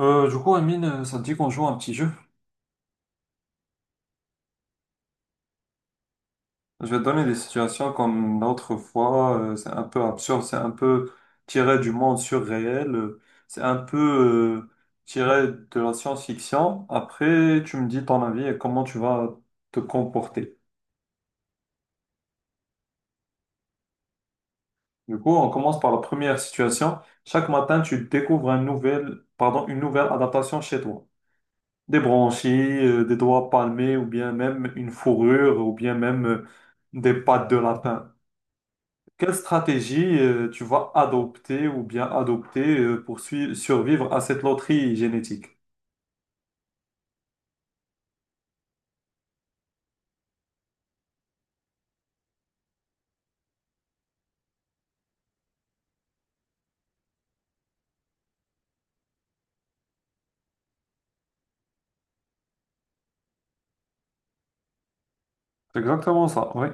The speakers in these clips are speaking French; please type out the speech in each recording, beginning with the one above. Amine, ça te dit qu'on joue à un petit jeu? Je vais te donner des situations comme l'autre fois. C'est un peu absurde, c'est un peu tiré du monde surréel, c'est un peu euh, tiré de la science-fiction. Après, tu me dis ton avis et comment tu vas te comporter. Du coup, on commence par la première situation. Chaque matin, tu découvres une nouvelle adaptation chez toi. Des branchies, des doigts palmés, ou bien même une fourrure, ou bien même des pattes de lapin. Quelle stratégie tu vas adopter ou bien adopter pour survivre à cette loterie génétique? C'est exactement ça, oui.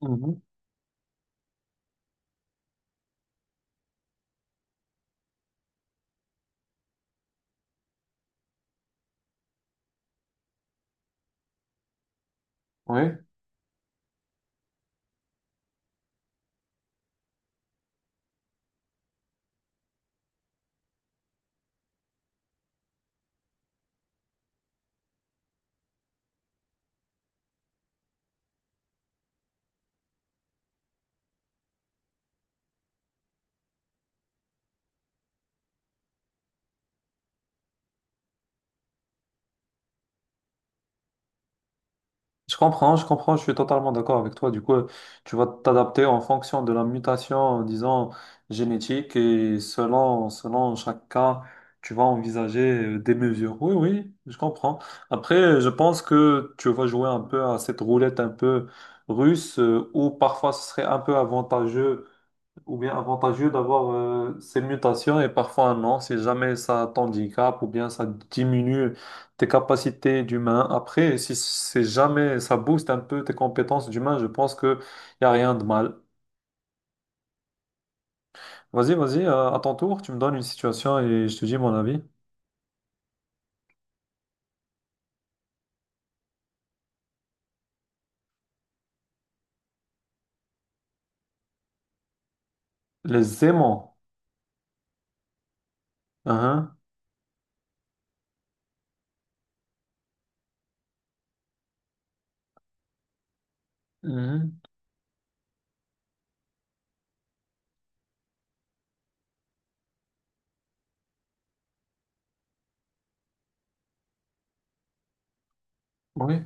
Mhm. Oui, je comprends, je comprends, je suis totalement d'accord avec toi. Du coup, tu vas t'adapter en fonction de la mutation, disons, génétique et selon, selon chaque cas, tu vas envisager des mesures. Oui, oui, je comprends. Après, je pense que tu vas jouer un peu à cette roulette un peu russe où parfois ce serait un peu avantageux ou bien avantageux d'avoir ces mutations et parfois non, si jamais ça t'handicape ou bien ça diminue tes capacités d'humain. Après, si, c'est jamais ça booste un peu tes compétences d'humain, je pense que y a rien de mal. Vas-y, vas-y, à ton tour, tu me donnes une situation et je te dis mon avis. Les aimants. Hein, mhm. Oui.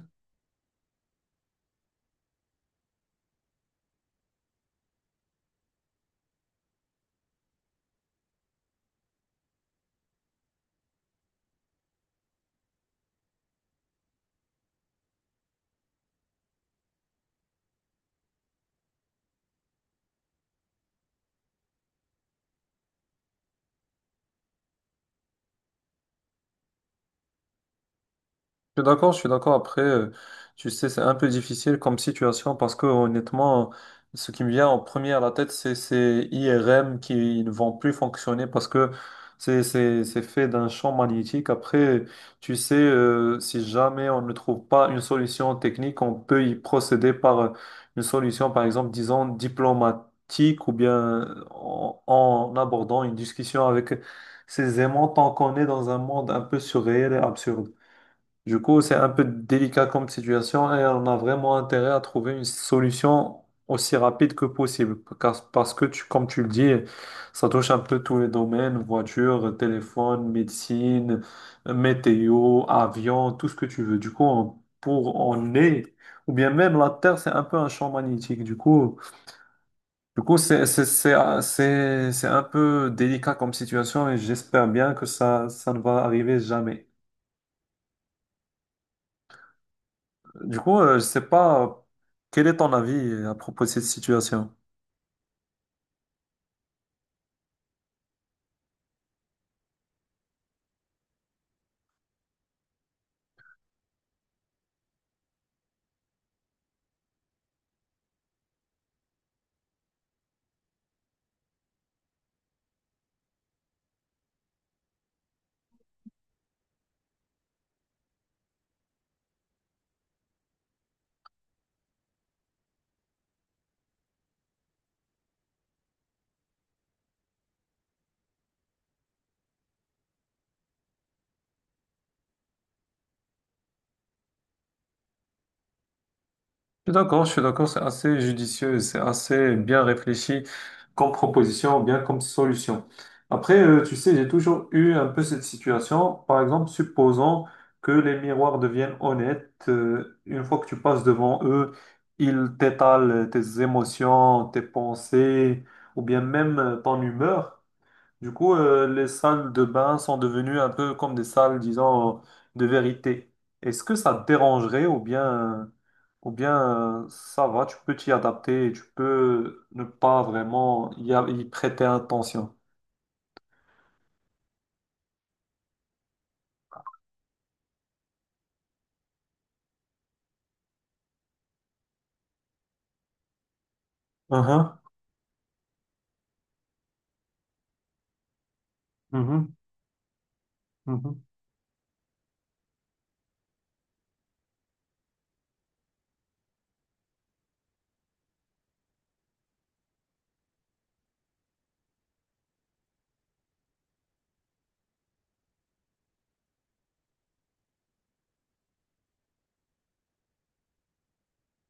Je suis d'accord, je suis d'accord. Après, tu sais, c'est un peu difficile comme situation parce que honnêtement, ce qui me vient en premier à la tête, c'est ces IRM qui ne vont plus fonctionner parce que c'est fait d'un champ magnétique. Après, tu sais, si jamais on ne trouve pas une solution technique, on peut y procéder par une solution, par exemple, disons diplomatique ou bien en, en abordant une discussion avec ces aimants tant qu'on est dans un monde un peu surréel et absurde. Du coup, c'est un peu délicat comme situation et on a vraiment intérêt à trouver une solution aussi rapide que possible. Parce que, tu, comme tu le dis, ça touche un peu tous les domaines, voiture, téléphone, médecine, météo, avion, tout ce que tu veux. Du coup, on- pour on est, ou bien même la Terre, c'est un peu un champ magnétique. Du coup, c'est un peu délicat comme situation et j'espère bien que ça ne va arriver jamais. Du coup, je sais pas quel est ton avis à propos de cette situation. Je suis d'accord, c'est assez judicieux, c'est assez bien réfléchi comme proposition, bien comme solution. Après, tu sais, j'ai toujours eu un peu cette situation. Par exemple, supposons que les miroirs deviennent honnêtes, une fois que tu passes devant eux, ils t'étalent tes émotions, tes pensées, ou bien même ton humeur. Du coup, les salles de bain sont devenues un peu comme des salles, disons, de vérité. Est-ce que ça te dérangerait euh, ou bien ça va, tu peux t'y adapter et tu peux ne pas vraiment y, y prêter attention? Mhm, mhm, mhm.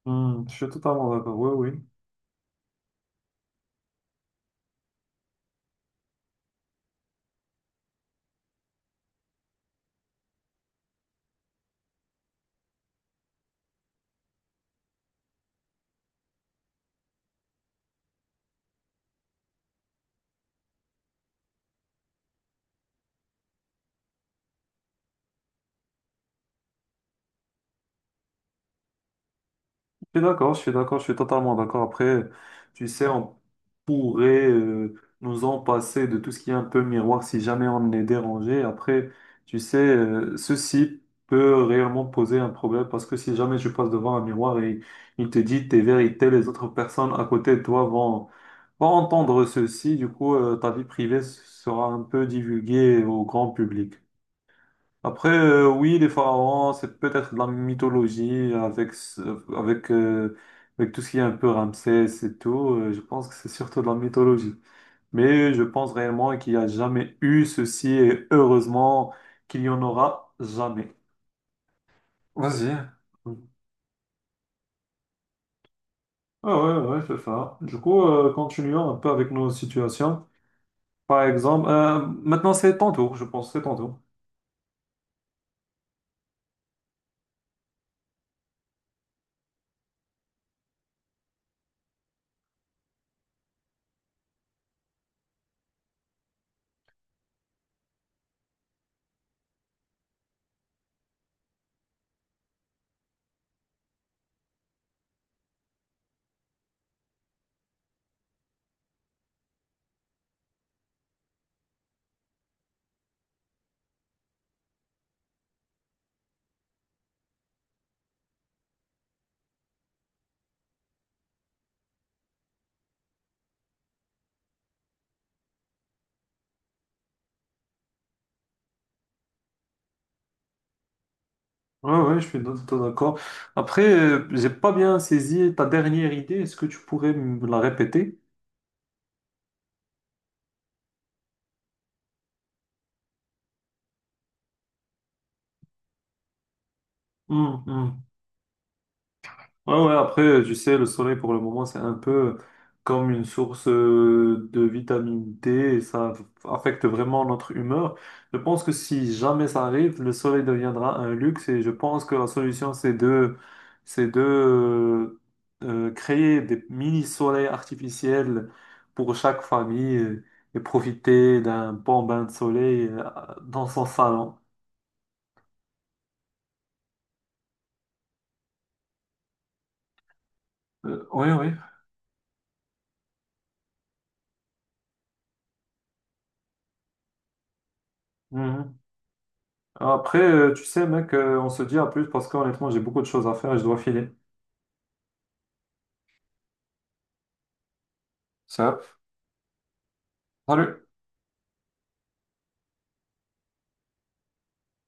Hmm, je suis totalement d'accord, oui, oui. Je suis d'accord, je suis d'accord, je suis totalement d'accord. Après, tu sais, on pourrait nous en passer de tout ce qui est un peu miroir si jamais on est dérangé. Après, tu sais, ceci peut réellement poser un problème parce que si jamais tu passes devant un miroir et il te dit tes vérités, les autres personnes à côté de toi vont entendre ceci. Du coup, ta vie privée sera un peu divulguée au grand public. Après, oui, les pharaons, c'est peut-être de la mythologie avec, euh, avec tout ce qui est un peu Ramsès et tout. Je pense que c'est surtout de la mythologie. Mais je pense réellement qu'il n'y a jamais eu ceci et heureusement qu'il n'y en aura jamais. Vas-y. Ah ouais, ouais, ouais, c'est ça. Du coup, continuons un peu avec nos situations. Par exemple, maintenant c'est ton tour, je pense, c'est ton tour. Ouais, ouais, je suis tout à fait d'accord. Après, j'ai pas bien saisi ta dernière idée. Est-ce que tu pourrais me la répéter? Hmm, hmm. Ouais, ouais, après, tu sais, le soleil pour le moment, c'est un peu comme une source de vitamine D et ça affecte vraiment notre humeur. Je pense que si jamais ça arrive, le soleil deviendra un luxe et je pense que la solution, c'est de, c'est de créer des mini-soleils artificiels pour chaque famille et profiter d'un bon bain de soleil dans son salon. Oui, oui. Après, tu sais, mec, on se dit à plus parce qu'honnêtement, j'ai beaucoup de choses à faire et je dois filer. Ça. Salut!